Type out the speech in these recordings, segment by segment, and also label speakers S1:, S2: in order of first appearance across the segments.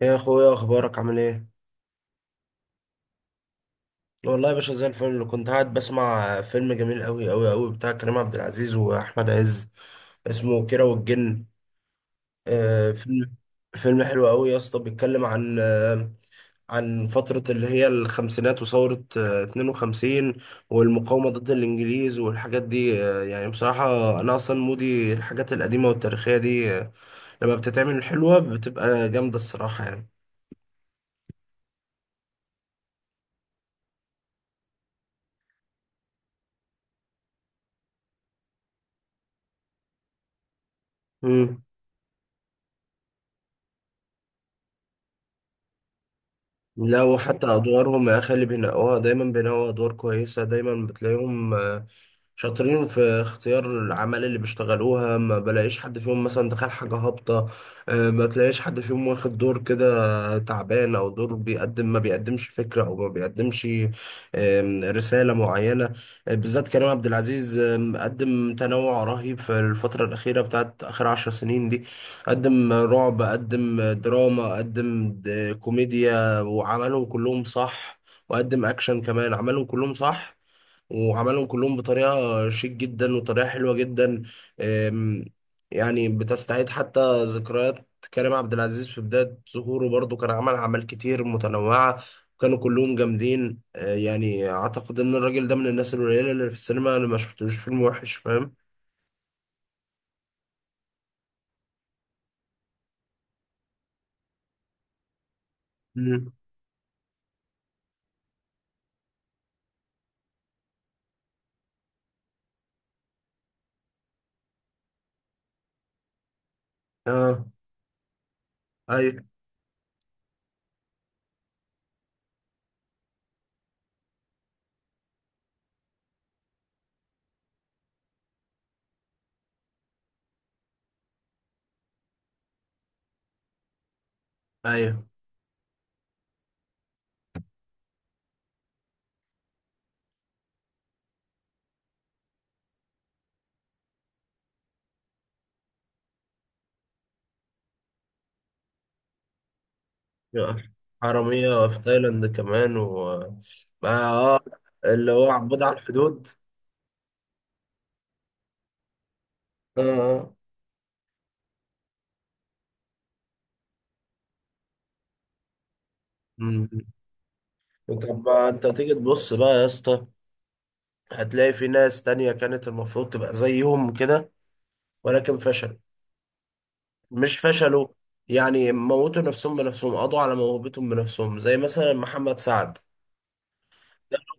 S1: يا اخويا، اخبارك عامل ايه؟ والله يا باشا، زي الفل. كنت قاعد بسمع فيلم جميل قوي قوي قوي بتاع كريم عبد العزيز واحمد عز، اسمه كيرة والجن. آه. فيلم حلو قوي يا اسطى، بيتكلم عن فترة اللي هي الخمسينات، وثورة 52 والمقاومة ضد الانجليز والحاجات دي. يعني بصراحة، انا اصلا مودي الحاجات القديمة والتاريخية دي. لما بتتعمل حلوة بتبقى جامدة الصراحة. يعني. لا، وحتى ادوارهم يا اخي اللي بينقوها، دايما بينقوا ادوار كويسه. دايما بتلاقيهم شاطرين في اختيار العمل اللي بيشتغلوها. ما بلاقيش حد فيهم مثلا دخل حاجة هابطة. ما بلاقيش حد فيهم واخد دور كده تعبان، أو دور بيقدم ما بيقدمش فكرة، أو ما بيقدمش رسالة معينة. بالذات كريم عبد العزيز، قدم تنوع رهيب في الفترة الأخيرة، بتاعت آخر عشر سنين دي. قدم رعب، قدم دراما، قدم كوميديا وعملهم كلهم صح. وقدم أكشن كمان، عملهم كلهم صح. وعملهم كلهم بطريقة شيك جدا، وطريقة حلوة جدا. أم، يعني بتستعيد حتى ذكريات. كريم عبد العزيز في بداية ظهوره برضو كان عمل أعمال كتير متنوعة، وكانوا كلهم جامدين. يعني أعتقد إن الراجل ده من الناس القليلة اللي في السينما، اللي ما شفتلوش فيلم وحش. فاهم؟ مم. آه. أيوه، أيوه. يا. حرامية في تايلاند كمان. و آه. آه، اللي هو عبود على الحدود. آه، آه. مم. طب ما انت تيجي تبص بقى يا اسطى، هتلاقي في ناس تانية كانت المفروض تبقى زيهم كده، ولكن فشلوا. مش فشلوا، يعني موتوا نفسهم بنفسهم، قضوا على موهبتهم بنفسهم، زي مثلا محمد سعد.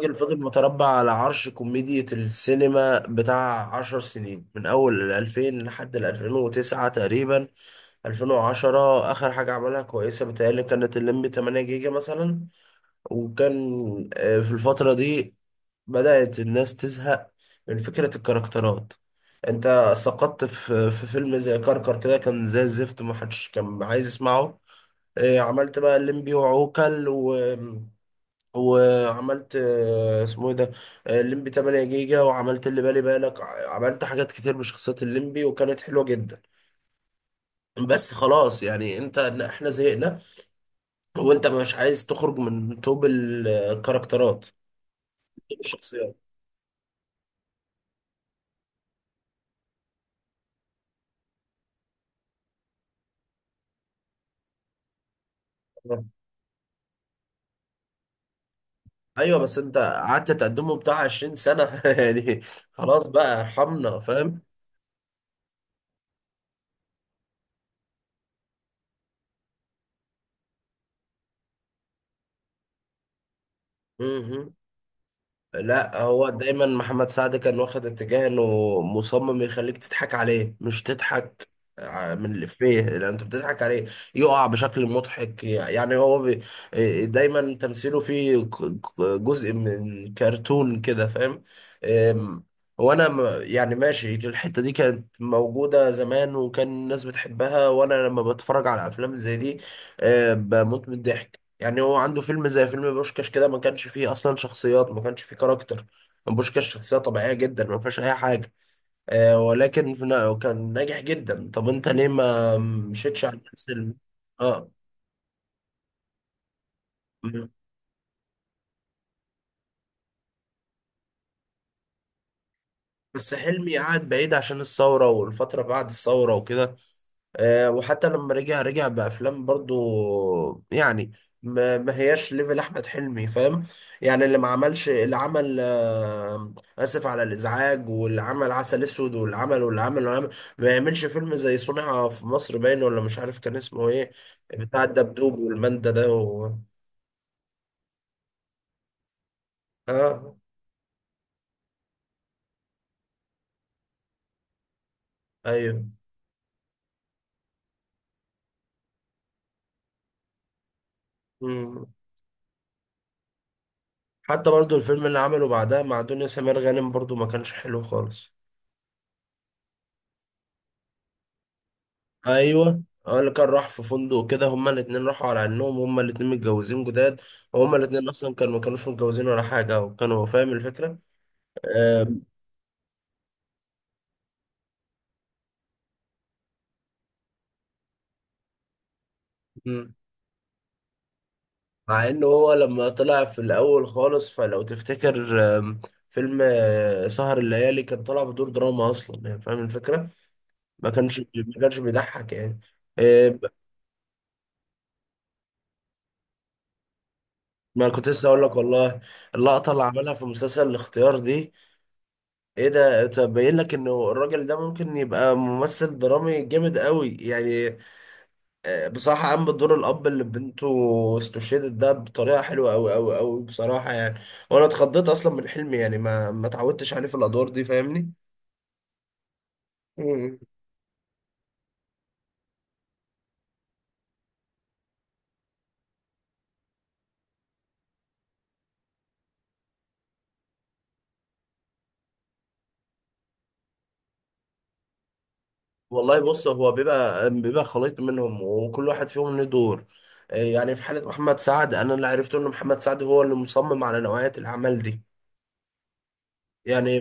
S1: راجل فضل متربع على عرش كوميديا السينما بتاع عشر سنين، من أول 2000 لحد 2009 تقريبا، 2010 آخر حاجة عملها كويسة. بتهيألي كانت الليمبي 8 جيجا مثلا. وكان، في الفترة دي بدأت الناس تزهق من فكرة الكاركترات. انت سقطت في فيلم زي كركر كده، كان زي الزفت، محدش كان عايز يسمعه. إيه، عملت بقى الليمبي وعوكل. و... وعملت، اسمه ايه ده، الليمبي 8 جيجا، وعملت اللي بالي بالك. عملت حاجات كتير بشخصية الليمبي، وكانت حلوة جدا. بس خلاص يعني انت، احنا زهقنا، وانت مش عايز تخرج من توب الكاركترات، توب الشخصيات. ايوه، بس انت قعدت تقدمه بتاع 20 سنه يعني. خلاص بقى، ارحمنا فاهم. م- م. لا، هو دايما محمد سعد كان واخد اتجاه انه مصمم يخليك تضحك عليه، مش تضحك من الإفيه، لأن أنت بتضحك عليه. يقع بشكل مضحك، يعني هو. دايما تمثيله فيه جزء من كرتون كده، فاهم؟ أم، وأنا يعني ماشي، الحتة دي كانت موجودة زمان، وكان الناس بتحبها. وأنا لما بتفرج على أفلام زي دي، بموت من الضحك. يعني هو عنده فيلم زي فيلم بوشكاش كده، ما كانش فيه اصلا شخصيات، ما كانش فيه كاركتر. بوشكاش شخصية طبيعية جدا، ما فيهاش اي حاجة. آه، ولكن كان ناجح جدا. طب انت ليه ما مشيتش على نفس اه. م. بس حلمي قعد بعيد عشان الثورة والفترة بعد الثورة وكده. وحتى لما رجع بأفلام برضو، يعني ما هياش ليفل أحمد حلمي، فاهم؟ يعني اللي ما عملش، اللي عمل آسف على الإزعاج، واللي عمل عسل أسود، واللي عمل واللي عمل واللي عمل، ما يعملش فيلم زي صنع في مصر، باين ولا مش عارف كان اسمه إيه، بتاع الدبدوب والمندة ده. و... آه. أيوه. مم. حتى برضو الفيلم اللي عمله بعدها مع دنيا سمير غانم، برضو ما كانش حلو خالص. ايوه، اللي كان راح في فندق كده، هما الاتنين راحوا على انهم هما الاتنين متجوزين جداد، وهما الاتنين اصلا كانوا ما كانوش متجوزين ولا حاجه، وكانوا، فاهم الفكره. آم، مم. مع انه هو لما طلع في الاول خالص، فلو تفتكر، فيلم سهر الليالي، كان طالع بدور دراما اصلا، يعني فاهم الفكره. ما كانش بيضحك يعني. آه، ما كنت لسه اقول لك والله، اللقطه اللي عملها في مسلسل الاختيار دي، ايه ده! طب باين لك انه الراجل ده ممكن يبقى ممثل درامي جامد قوي يعني. بصراحة قام بدور الاب اللي بنته استشهدت ده بطريقة حلوة قوي قوي قوي بصراحة يعني. وانا اتخضيت اصلا من حلمي، يعني ما اتعودتش عليه في الادوار دي، فاهمني؟ مم. والله بص، هو بيبقى خليط منهم، وكل واحد فيهم له دور. يعني في حالة محمد سعد، انا اللي عرفته ان محمد سعد هو اللي مصمم على نوعية الاعمال دي. يعني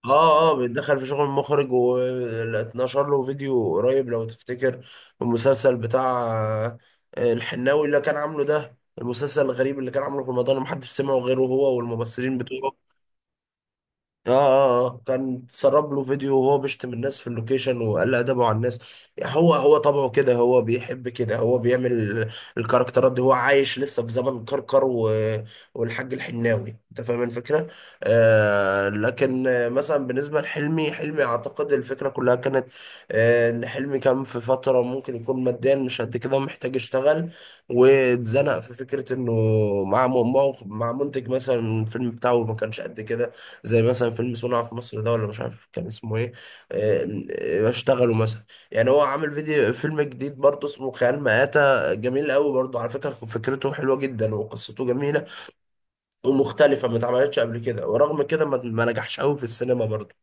S1: اه، اه، بيتدخل في شغل المخرج، واتنشر له فيديو قريب لو تفتكر، المسلسل بتاع الحناوي، اللي كان عامله ده، المسلسل الغريب اللي كان عامله في رمضان، ومحدش سمعه غيره هو والممثلين بتوعه. اه، اه، آه. كان اتسرب له فيديو وهو بيشتم الناس في اللوكيشن، وقل ادبه على الناس. هو هو طبعه كده، هو بيحب كده، هو بيعمل الكاركترات دي. هو عايش لسه في زمن كركر، و... والحاج الحناوي، انت فاهم الفكره. آه، لكن مثلا بالنسبه لحلمي، حلمي اعتقد الفكره كلها كانت ان حلمي كان في فتره ممكن يكون ماديا مش قد كده، ومحتاج يشتغل، واتزنق في فكره انه، مع م- مع منتج مثلا، الفيلم بتاعه ما كانش قد كده، زي مثلا فيلم صنع في مصر ده، ولا مش عارف كان اسمه ايه. آه، اشتغلوا مثلا، يعني هو عامل فيديو فيلم جديد برضه اسمه خيال مآتة، جميل قوي برضه على فكرة، فكرته حلوة جدا وقصته جميلة، ومختلفة ما اتعملتش قبل كده، ورغم كده ما نجحش قوي في السينما برضه.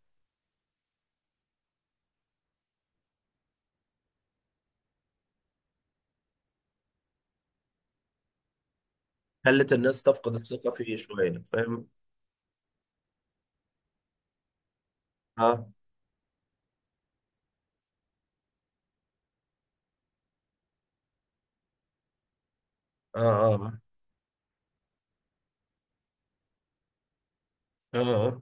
S1: خلت الناس تفقد الثقة فيه شوية، فاهم؟ اه، اه، اه، اه، آه.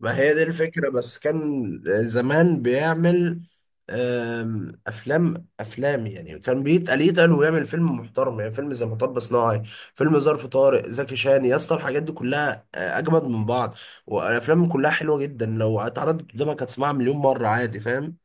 S1: ما هي دي الفكرة، بس كان زمان بيعمل أفلام. أفلام يعني، كان بيتقل يتقل ويعمل فيلم محترم، يعني فيلم زي مطب صناعي، فيلم ظرف طارق، زكي شان يا اسطى، الحاجات دي كلها أجمد من بعض. والأفلام كلها حلوة جدا، لو اتعرضت قدامك هتسمعها مليون مرة عادي، فاهم؟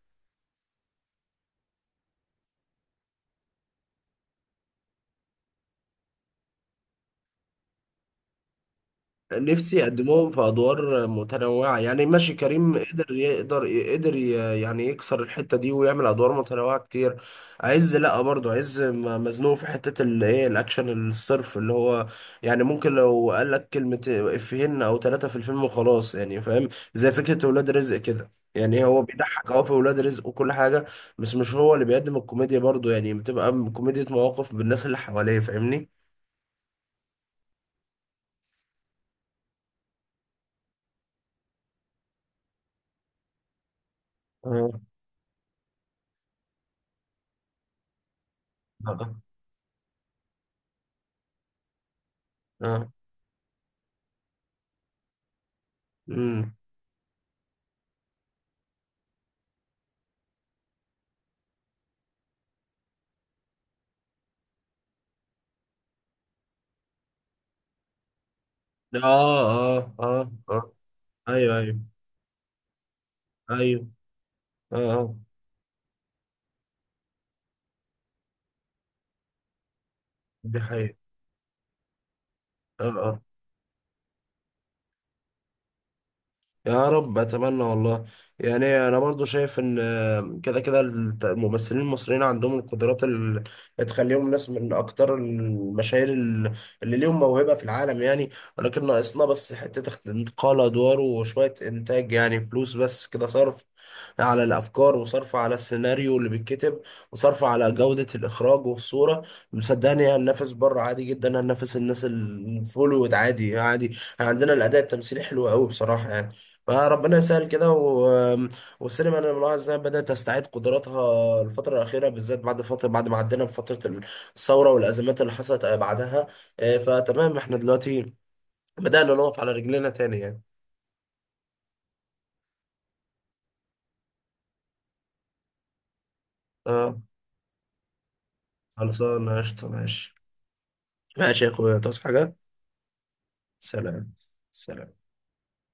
S1: نفسي يقدموهم في ادوار متنوعه، يعني ماشي، كريم قدر يقدر، قدر يعني يكسر الحته دي ويعمل ادوار متنوعه كتير. عز لا، برضو عز مزنوق في حته الايه، الاكشن الصرف، اللي هو يعني ممكن لو قال لك كلمه افيهين او ثلاثه في الفيلم وخلاص، يعني فاهم، زي فكره ولاد رزق كده. يعني هو بيضحك اه في ولاد رزق وكل حاجه، بس مش هو اللي بيقدم الكوميديا برضو. يعني بتبقى كوميديا مواقف بالناس اللي حواليه، فاهمني؟ آه. اه، اه. مم. اه، اه، اه، اه. ايوه، ايوه، ايوه. اه، اه. دي حقيقة. اه، اه. يا رب اتمنى والله. يعني انا برضو شايف ان، كده كده الممثلين المصريين عندهم القدرات اللي تخليهم ناس من اكتر المشاهير اللي ليهم موهبة في العالم يعني. ولكن ناقصنا بس حتة انتقال ادوار، وشوية انتاج يعني، فلوس بس كده، صرف على الافكار، وصرف على السيناريو اللي بيتكتب، وصرف على جودة الاخراج والصورة. صدقني هننافس بره عادي جدا، هننافس الناس اللي في هوليوود عادي عادي، عندنا الاداء التمثيلي حلو قوي بصراحة يعني. فربنا يسهل كده. و... والسينما انا ملاحظ انها بدأت تستعيد قدراتها الفترة الأخيرة بالذات، بعد فترة، بعد ما عدينا بفترة الثورة والأزمات اللي حصلت بعدها. فتمام، احنا دلوقتي بدأنا نقف على رجلينا تاني يعني. اه. خلصانة قشطة، ماشي. ماشي يا اخويا، تصحى حاجة. سلام. سلام.